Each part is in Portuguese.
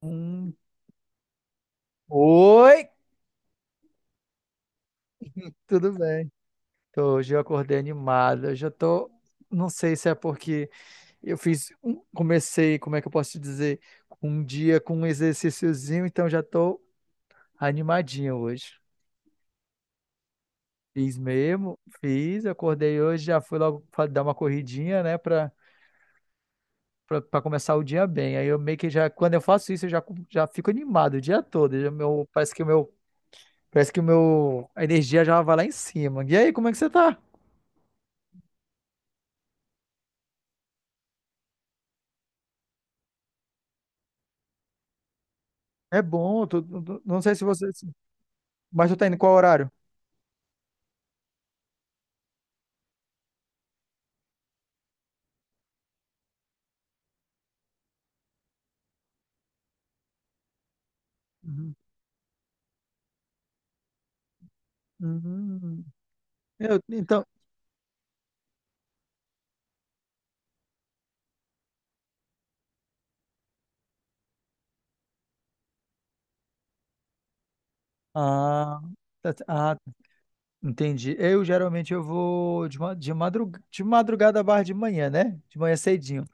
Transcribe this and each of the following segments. Hum. Oi, tudo bem? Então, hoje eu acordei animado. Eu já tô, não sei se é porque eu fiz, comecei, como é que eu posso te dizer, um dia com um exercíciozinho, então já tô animadinho hoje. Fiz mesmo, fiz, acordei hoje, já fui logo dar uma corridinha, né, pra começar o dia bem. Aí eu meio que já, quando eu faço isso, eu já, já fico animado o dia todo. Já meu, parece que o meu, a energia já vai lá em cima. E aí, como é que você tá? É bom, não sei se você. Mas tu tá indo qual horário? Uhum. Uhum. Eu, então. Ah, tá- tá, ah, entendi. Eu geralmente eu vou de, de madrugada barra de manhã, né? De manhã cedinho.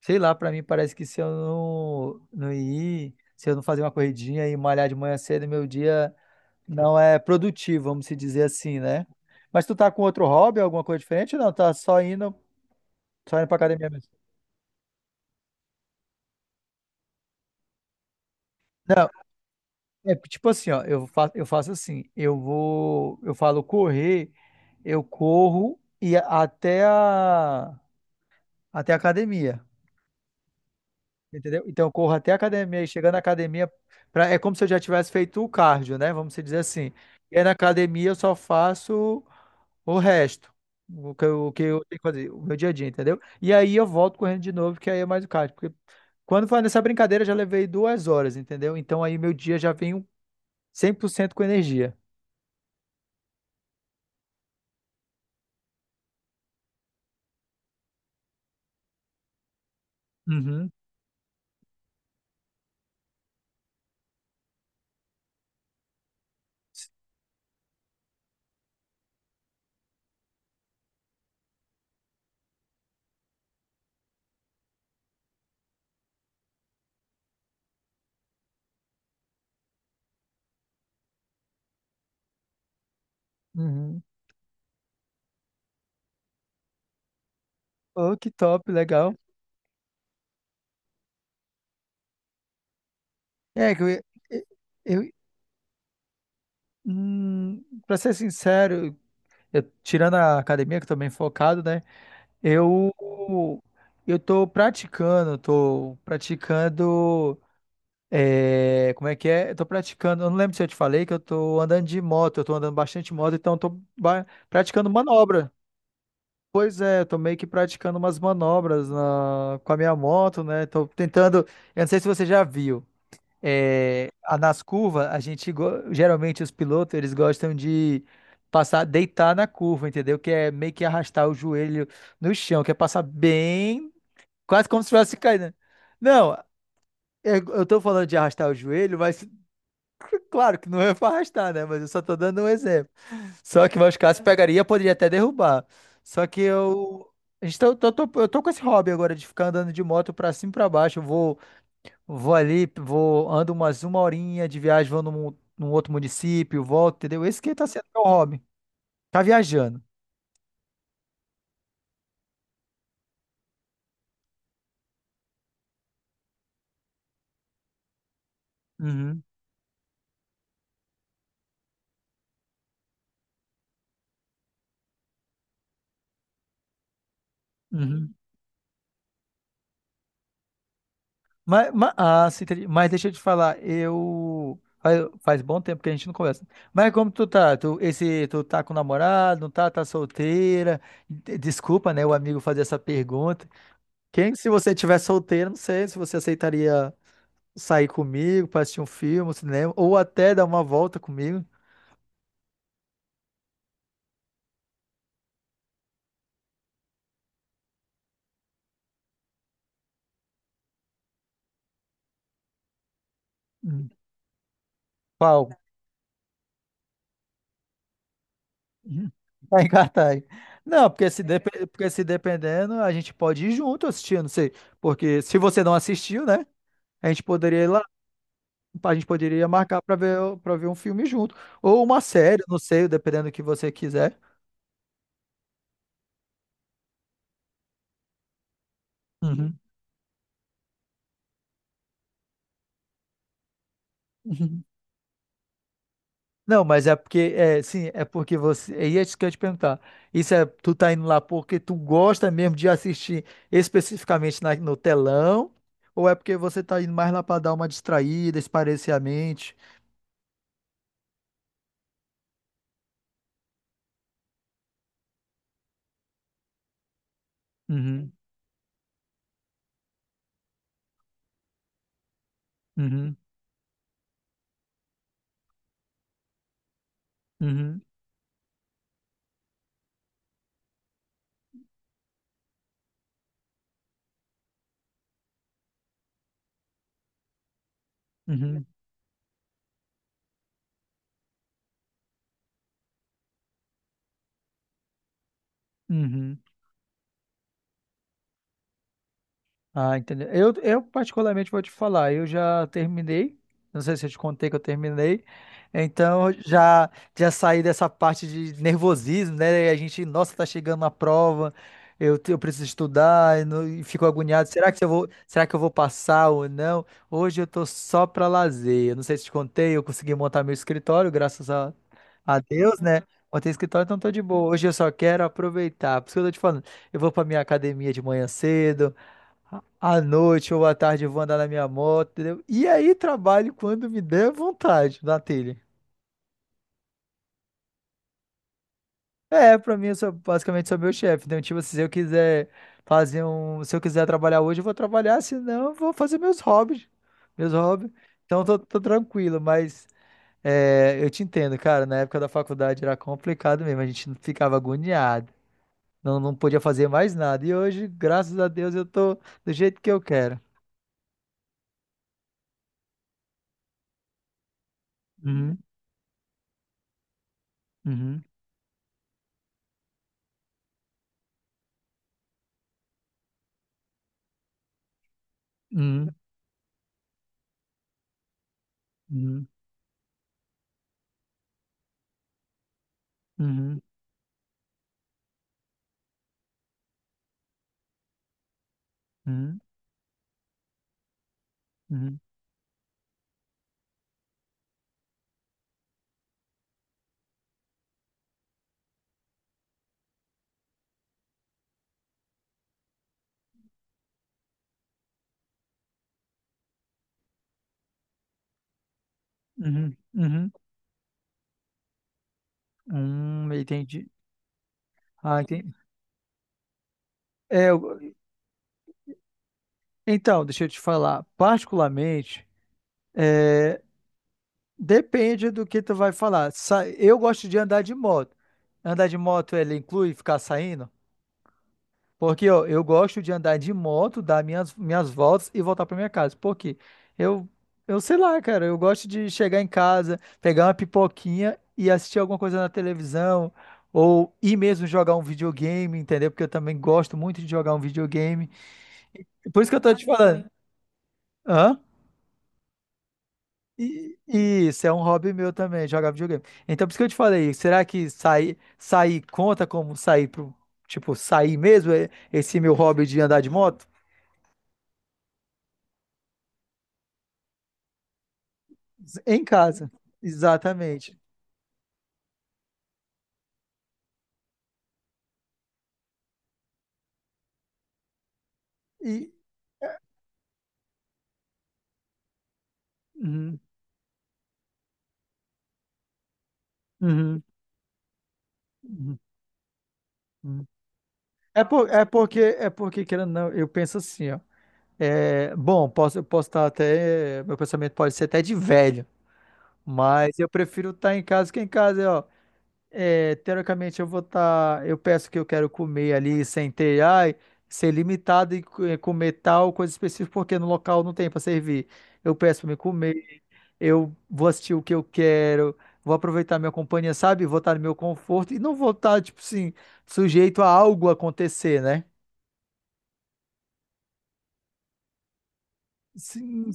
Sei lá, pra mim parece que se eu não ir, se eu não fazer uma corridinha e malhar de manhã cedo, meu dia não é produtivo, vamos se dizer assim, né? Mas tu tá com outro hobby, alguma coisa diferente? Ou não, tá só indo pra academia mesmo? É, tipo assim, ó, eu faço assim, eu vou, eu falo correr, eu corro e até a academia, entendeu? Então eu corro até a academia e chegando na academia, é como se eu já tivesse feito o cardio, né? Vamos dizer assim. E aí na academia eu só faço o resto, o que eu tenho que fazer, o meu dia a dia, entendeu? E aí eu volto correndo de novo, que aí é mais o cardio. Porque quando foi nessa brincadeira, eu já levei duas horas, entendeu? Então aí meu dia já vem 100% com energia. Uhum. Uhum. Oh, que top, legal. É que eu, pra ser sincero, tirando a academia, que eu tô bem focado, né? Eu, eu tô praticando, tô praticando. Como é que é? Eu tô praticando. Eu não lembro se eu te falei que eu tô andando de moto, eu tô andando bastante de moto, então eu tô praticando manobra. Pois é, eu tô meio que praticando umas manobras com a minha moto, né? Tô tentando. Eu não sei se você já viu. É, nas curvas, a gente geralmente os pilotos eles gostam de passar, deitar na curva, entendeu? Que é meio que arrastar o joelho no chão, que é passar bem, quase como se fosse caindo. Não, eu tô falando de arrastar o joelho, mas claro que não é pra arrastar, né? Mas eu só tô dando um exemplo. Só que meus casos pegaria, poderia até derrubar. Só que eu, a gente eu tô com esse hobby agora de ficar andando de moto pra cima e pra baixo. Eu vou Vou ali, vou, ando uma horinha de viagem, vou num outro município, volto, entendeu? Esse que tá sendo meu hobby. Tá viajando. Uhum, uhum. Mas, ah, sim, entendi. Mas deixa eu te falar, eu. Faz bom tempo que a gente não conversa. Mas como tu tá? Tu tá com namorado, não tá? Tá solteira? Desculpa, né, o amigo fazer essa pergunta. Quem, se você tiver solteira, não sei se você aceitaria sair comigo pra assistir um filme, um cinema, ou até dar uma volta comigo. Hum. Qual? Uhum. Tá em cartaz. Não, porque se, dependendo, a gente pode ir junto assistir, eu não sei. Porque se você não assistiu, né? A gente poderia ir lá, a gente poderia marcar para ver um filme junto. Ou uma série, não sei, dependendo do que você quiser. Uhum. Uhum. Não, mas é porque, é, sim, é porque você. É isso que eu ia te perguntar. Isso é, tu tá indo lá porque tu gosta mesmo de assistir especificamente no telão? Ou é porque você tá indo mais lá para dar uma distraída, espairecer a mente? Uhum, uhum, uhum, uhum. Ah, entendeu? Eu particularmente vou te falar, eu já terminei, não sei se eu te contei que eu terminei, então já saí dessa parte de nervosismo, né? E a gente, nossa, tá chegando na prova, eu preciso estudar, e, não- e fico agoniado, será que eu vou passar ou não? Hoje eu tô só pra lazer, eu não sei se te contei, eu consegui montar meu escritório, graças a Deus, né? Montei escritório, então tô de boa, hoje eu só quero aproveitar, por isso que eu tô te falando, eu vou pra minha academia de manhã cedo, à noite ou à tarde eu vou andar na minha moto, entendeu? E aí trabalho quando me der vontade na telha. É, pra mim eu sou basicamente sou meu chefe. Então, tipo, se eu quiser fazer um. Se eu quiser trabalhar hoje, eu vou trabalhar, senão eu vou fazer meus hobbies. Meus hobbies. Então tô tranquilo, mas eu te entendo, cara. Na época da faculdade era complicado mesmo, a gente ficava agoniado. Não, não podia fazer mais nada. E hoje, graças a Deus, eu tô do jeito que eu quero. Uhum, uhum, uhum, uhum, uhum. Uhum, uhum, uhum, uhum. Entendi. Ah, entendi. É, então, deixa eu te falar. Particularmente, é, depende do que tu vai falar. Eu gosto de andar de moto. Andar de moto, ele inclui ficar saindo? Porque ó, eu gosto de andar de moto, dar minhas voltas e voltar para minha casa. Por quê? Eu, eu sei lá, cara, eu gosto de chegar em casa, pegar uma pipoquinha e assistir alguma coisa na televisão, ou ir mesmo jogar um videogame, entendeu? Porque eu também gosto muito de jogar um videogame. Por isso que eu tô te falando. Hã? E isso é um hobby meu também, jogar videogame. Então, por isso que eu te falei, será que sair conta como sair pro, tipo, sair mesmo, é, esse meu hobby de andar de moto? Em casa, exatamente. E uhum, uhum, uhum, uhum. É, é porque querendo ou não, eu penso assim, ó. É, bom, posso eu posso estar até meu pensamento pode ser até de velho, mas eu prefiro estar em casa que em casa, ó. É, teoricamente eu vou estar. Eu peço que eu quero comer ali sem ter, ai, ser limitado e comer tal coisa específica, porque no local não tem para servir. Eu peço para me comer, eu vou assistir o que eu quero, vou aproveitar minha companhia, sabe? Vou estar no meu conforto e não vou estar, tipo assim, sujeito a algo acontecer, né? Sim.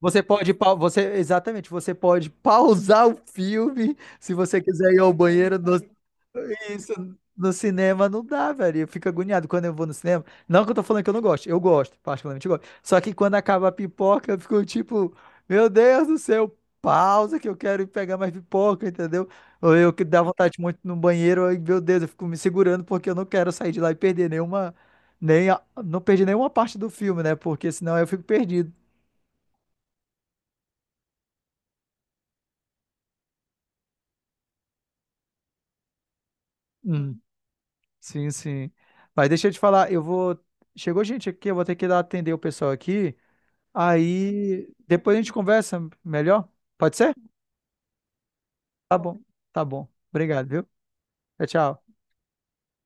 Você pode, você, exatamente, você pode pausar o filme se você quiser ir ao banheiro. No, isso, no cinema não dá, velho. Eu fico agoniado quando eu vou no cinema. Não que eu tô falando que eu não gosto, eu gosto, particularmente eu gosto. Só que quando acaba a pipoca, eu fico tipo, meu Deus do céu, pausa que eu quero ir pegar mais pipoca, entendeu? Ou eu que dá vontade muito no banheiro, aí, meu Deus, eu fico me segurando porque eu não quero sair de lá e perder nenhuma, nem a- não perdi nenhuma parte do filme, né? Porque senão eu fico perdido. Hum. Sim, sim. Mas deixa eu te falar, eu vou. Chegou gente aqui, eu vou ter que ir lá atender o pessoal aqui. Aí depois a gente conversa melhor. Pode ser? Tá bom. Tá bom. Obrigado, viu? Tchau, tchau.